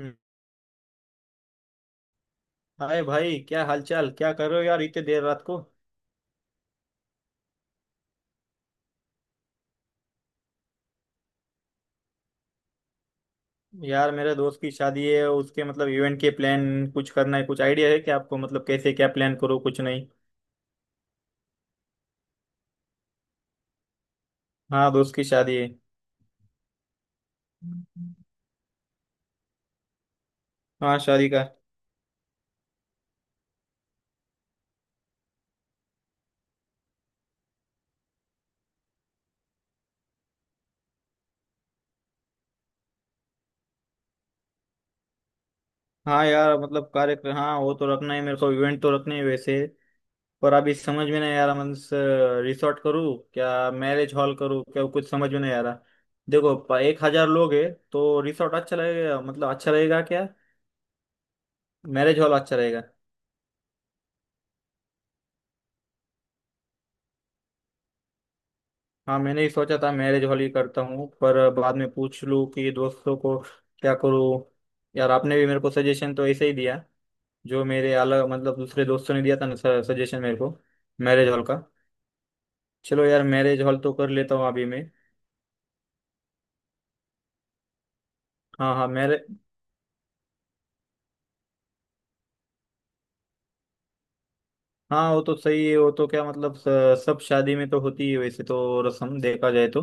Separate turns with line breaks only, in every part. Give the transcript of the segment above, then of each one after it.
हम्म, hi भाई, क्या हालचाल, क्या कर रहे हो यार इतने देर रात को। यार मेरे दोस्त की शादी है, उसके मतलब इवेंट के प्लान कुछ करना है। कुछ आइडिया है क्या आपको, मतलब कैसे क्या प्लान करो? कुछ नहीं। हाँ, दोस्त की शादी है। हाँ, शादी का। हाँ यार, मतलब कार्यक्रम, हाँ वो तो रखना है, मेरे को इवेंट तो रखने है वैसे। पर अभी समझ में नहीं आ रहा, मतलब रिसोर्ट करूँ क्या, मैरिज हॉल करूँ क्या, कुछ समझ में नहीं आ रहा। देखो 1,000 लोग है, तो रिसोर्ट अच्छा लगेगा, मतलब अच्छा रहेगा क्या, मैरिज हॉल अच्छा रहेगा। हाँ, मैंने ही सोचा था मैरिज हॉल ही करता हूँ, पर बाद में पूछ लूँ कि दोस्तों को क्या करूँ। यार आपने भी मेरे को सजेशन तो ऐसे ही दिया जो मेरे अलग मतलब दूसरे दोस्तों ने दिया था ना, सजेशन मेरे को, मैरिज हॉल का। चलो यार, मैरिज हॉल तो कर लेता हूँ अभी मैं। हाँ हाँ मेरे। हाँ वो तो सही है, वो तो क्या मतलब सब शादी में तो होती है वैसे, तो रस्म देखा जाए तो।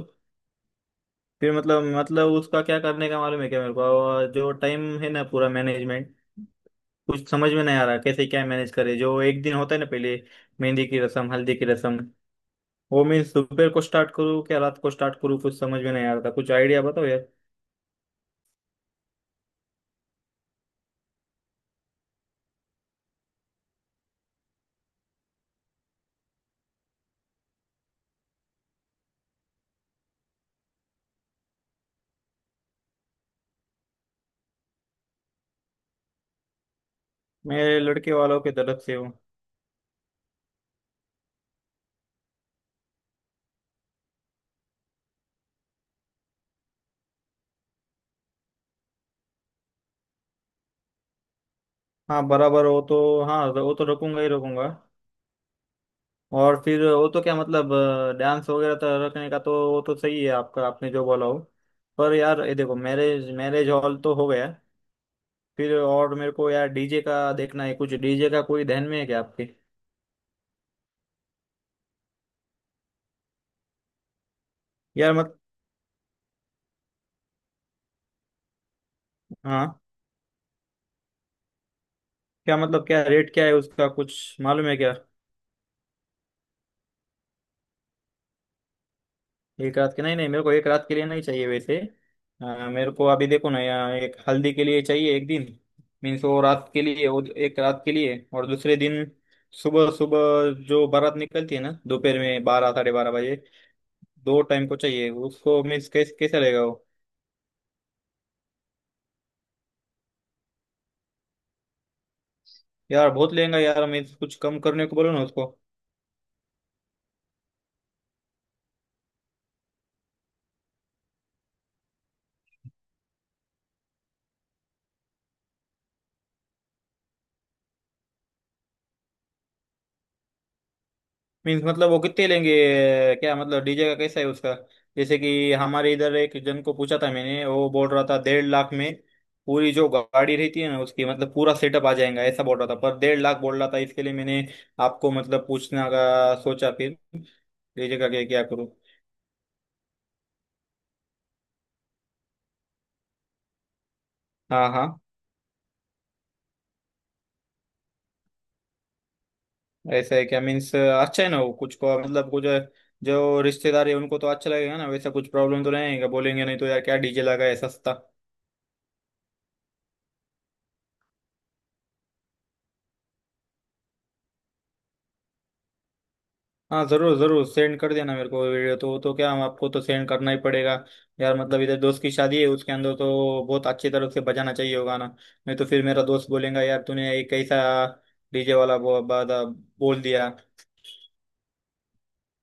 फिर मतलब उसका क्या करने का मालूम है क्या मेरे को, और जो टाइम है ना, पूरा मैनेजमेंट कुछ समझ में नहीं आ रहा, कैसे क्या मैनेज करे, जो एक दिन होता है ना पहले, मेहंदी की रसम, हल्दी की रसम। वो मैं दोपहर को स्टार्ट करूँ क्या, रात को स्टार्ट करूँ, कुछ समझ में नहीं आ रहा था, कुछ आइडिया बताओ यार। मैं लड़के वालों के तरफ से हूँ। हाँ, बराबर हो तो। हाँ वो तो रखूंगा ही रखूंगा। और फिर वो तो क्या मतलब, डांस वगैरह तो रखने का, तो वो तो सही है आपका, आपने जो बोला हो। पर यार ये देखो, मैरिज मैरिज हॉल तो हो गया, फिर और मेरे को यार डीजे का देखना है। कुछ डीजे का कोई ध्यान में है क्या आपके? यार मत। हाँ, क्या मतलब क्या रेट क्या है उसका, कुछ मालूम है क्या? एक रात के, नहीं नहीं, मेरे को एक रात के लिए नहीं चाहिए वैसे। अ, मेरे को अभी देखो ना, यहाँ एक हल्दी के लिए चाहिए एक दिन, मीन्स वो रात के लिए, वो एक रात के लिए, और दूसरे दिन सुबह सुबह जो बारात निकलती है ना, दोपहर में 12, 12:30 बजे। दो टाइम को चाहिए उसको, मीन्स कैसे, कैसा रहेगा वो। यार बहुत लेगा यार, मीन्स कुछ कम करने को बोलो ना उसको। मीन्स मतलब वो कितने लेंगे? क्या मतलब डीजे का कैसा है उसका? जैसे कि हमारे इधर एक जन को पूछा था मैंने, वो बोल रहा था 1.5 लाख में पूरी जो गाड़ी रहती है ना उसकी, मतलब पूरा सेटअप आ जाएगा, ऐसा बोल रहा था, पर 1.5 लाख बोल रहा था इसके लिए मैंने। आपको मतलब पूछना का सोचा, फिर डीजे का क्या, क्या करूँ? हाँ हाँ। ऐसा है क्या? मीन्स अच्छा है ना वो, कुछ को मतलब कुछ जो रिश्तेदार है उनको तो अच्छा लगेगा ना, वैसा कुछ प्रॉब्लम तो नहीं आएगा, बोलेंगे नहीं तो यार क्या डीजे लगा है सस्ता। हाँ जरूर जरूर, सेंड कर देना मेरे को वीडियो, तो क्या हम आपको तो सेंड करना ही पड़ेगा। यार मतलब इधर दोस्त की शादी है, उसके अंदर तो बहुत अच्छी तरह से बजाना चाहिए होगा ना, नहीं तो फिर मेरा दोस्त बोलेगा यार तूने एक कैसा डीजे वाला बादा बोल दिया,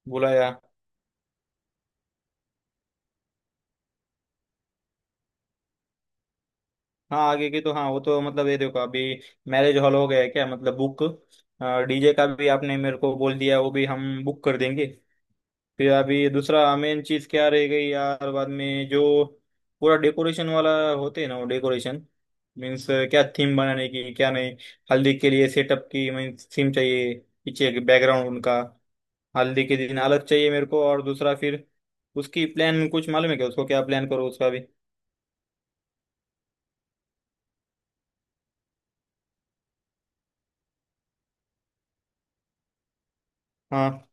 बुलाया। हाँ, आगे की, तो हाँ वो तो मतलब ये देखो अभी मैरिज हॉल हो गया है क्या मतलब बुक, डीजे का भी आपने मेरे को बोल दिया, वो भी हम बुक कर देंगे। फिर अभी दूसरा मेन चीज क्या रह गई यार, बाद में जो पूरा डेकोरेशन वाला होते हैं ना, वो डेकोरेशन, मीन्स क्या थीम बनाने की क्या नहीं, हल्दी के लिए सेटअप की मीन्स थीम चाहिए, पीछे बैकग्राउंड उनका, हल्दी के दिन अलग चाहिए मेरे को, और दूसरा फिर उसकी प्लान कुछ मालूम है क्या, उसको क्या प्लान करो उसका भी? हाँ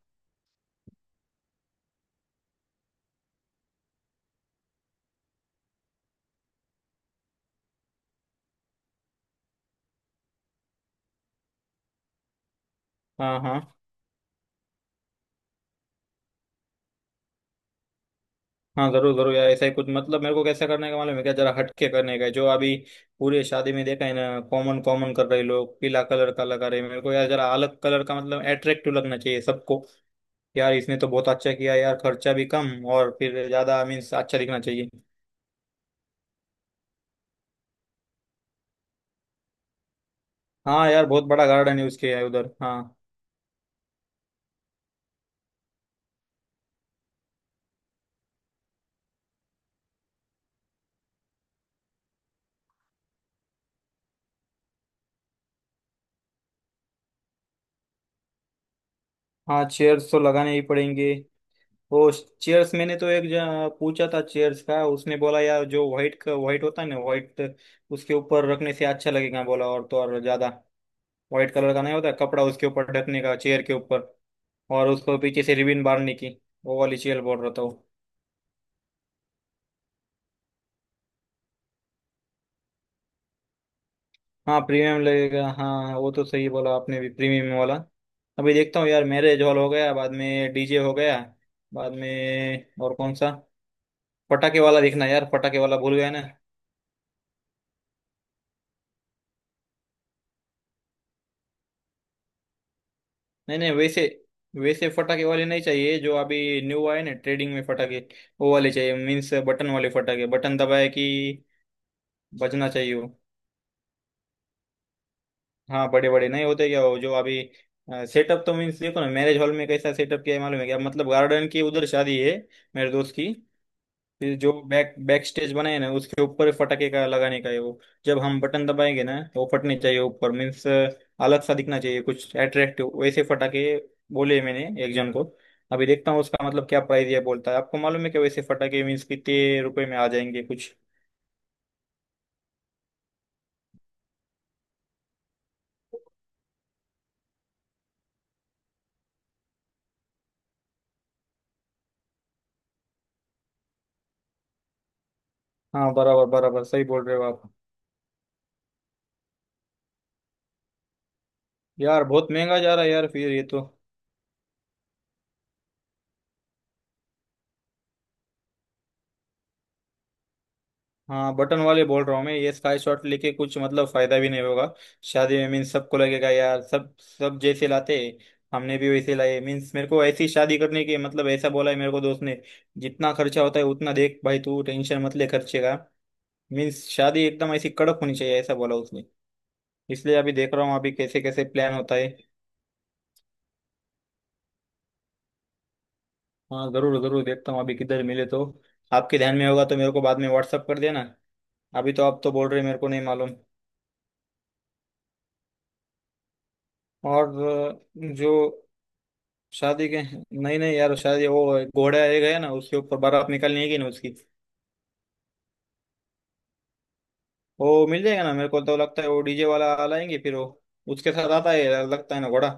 हाँ। हाँ हाँ जरूर जरूर, यार ऐसा ही कुछ मतलब मेरे को कैसा करने का मालूम है क्या, जरा हटके करने का है। जो अभी पूरे शादी में देखा है ना, कॉमन कॉमन कर रहे लोग, पीला कलर का लगा रहे, मेरे को यार जरा अलग कलर का मतलब अट्रैक्टिव लगना चाहिए सबको। यार इसने तो बहुत अच्छा किया यार, खर्चा भी कम और फिर ज्यादा मीन्स अच्छा दिखना चाहिए। हाँ यार बहुत बड़ा गार्डन है उसके, यार उधर हाँ। हाँ, चेयर्स तो लगाने ही पड़ेंगे वो। चेयर्स मैंने तो एक जगह पूछा था चेयर्स का, उसने बोला यार जो व्हाइट का व्हाइट होता है ना, व्हाइट उसके ऊपर रखने से अच्छा लगेगा बोला, और तो और ज्यादा व्हाइट कलर का नहीं होता कपड़ा उसके ऊपर ढकने का, चेयर के ऊपर, और उसको पीछे से रिबन बांधने की, वो वाली चेयर बोल रहा था वो। हाँ प्रीमियम लगेगा, हाँ वो तो सही बोला आपने भी, प्रीमियम वाला। अभी देखता हूँ यार, मैरिज हॉल हो गया, बाद में डीजे हो गया, बाद में और कौन सा, पटाखे वाला देखना यार, पटाखे वाला भूल गया ना। नहीं नहीं वैसे, वैसे फटाके वाले नहीं चाहिए जो अभी न्यू आए ना ट्रेडिंग में फटाके, वो वाले चाहिए, मीन्स बटन वाले फटाके, बटन दबाए कि बजना चाहिए वो। हाँ, बड़े बड़े नहीं होते क्या वो, जो अभी सेटअप, तो मीन्स देखो ना, मैरिज हॉल में कैसा सेटअप किया है मालूम है क्या, मतलब गार्डन की उधर शादी है, मेरे दोस्त की, फिर जो बैक बैक स्टेज बनाए ना उसके ऊपर फटाके का लगाने का है वो, जब हम बटन दबाएंगे ना, वो फटने चाहिए ऊपर, मीन्स अलग सा दिखना चाहिए कुछ अट्रैक्टिव, वैसे फटाके बोले मैंने एक जन को। अभी देखता हूँ उसका मतलब क्या प्राइस है बोलता है, आपको मालूम है क्या वैसे फटाके मीन्स कितने रुपए में आ जाएंगे कुछ? हाँ बराबर बराबर, सही बोल रहे हो आप। यार बहुत महंगा जा रहा है यार, फिर ये तो। हाँ बटन वाले बोल रहा हूँ मैं, ये स्काई शॉट लेके कुछ मतलब फायदा भी नहीं होगा शादी में, मीन्स सबको लगेगा यार, सब सब जैसे लाते, हमने भी वैसे लाए, मीन्स मेरे को ऐसी शादी करने की मतलब ऐसा बोला है मेरे को दोस्त ने, जितना खर्चा होता है उतना देख भाई, तू टेंशन मत ले खर्चे का, मीन्स शादी एकदम ऐसी कड़क होनी चाहिए, ऐसा बोला उसने। इसलिए अभी देख रहा हूँ अभी कैसे कैसे प्लान होता है। हाँ जरूर जरूर देखता हूँ, अभी किधर मिले तो आपके ध्यान में होगा तो मेरे को बाद में व्हाट्सअप कर देना। अभी तो आप तो बोल रहे मेरे को नहीं मालूम। और जो शादी के, नहीं नहीं यार, शादी वो, घोड़ा एक है ना उसके ऊपर बारात निकलनी है कि ना उसकी। वो मिल जाएगा ना मेरे को, तो लगता है वो डीजे वाला लाएंगे फिर वो उसके साथ आता है यार, लगता है ना घोड़ा।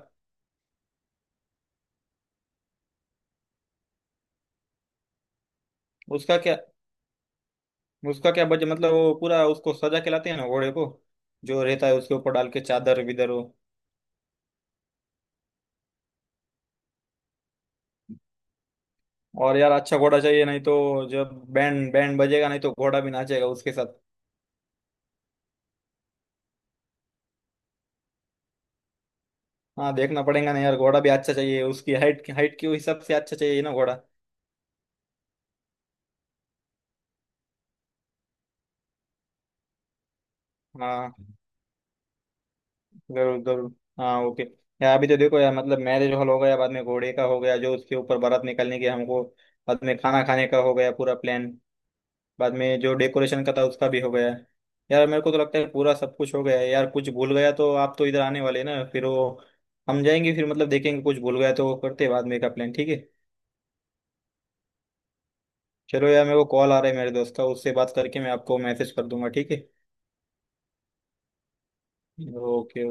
उसका क्या, उसका क्या बजट मतलब, वो पूरा उसको सजा के लाते हैं ना घोड़े को, जो रहता है उसके ऊपर डाल के चादर विदर वो। और यार अच्छा घोड़ा चाहिए, नहीं तो जब बैंड बैंड बजेगा, नहीं तो घोड़ा भी नाचेगा उसके साथ। हाँ देखना पड़ेगा ना यार, घोड़ा भी अच्छा चाहिए, उसकी हाइट हाइट के हिसाब से अच्छा चाहिए ना घोड़ा। हाँ जरूर जरूर। हाँ ओके। यार अभी तो देखो यार, मतलब मैरिज हॉल हो गया, बाद में घोड़े का हो गया जो उसके ऊपर बारात निकलने की हमको, बाद में खाना खाने का हो गया, पूरा प्लान, बाद में जो डेकोरेशन का था उसका भी हो गया। यार मेरे को तो लगता है पूरा सब कुछ हो गया है यार, कुछ भूल गया तो आप तो इधर आने वाले हैं ना, फिर वो हम जाएंगे फिर मतलब देखेंगे कुछ भूल गया तो वो करते हैं, बाद में का प्लान ठीक है। चलो यार, मेरे को कॉल आ रहा है मेरे दोस्त का, उससे बात करके मैं आपको मैसेज कर दूंगा, ठीक है। ओके।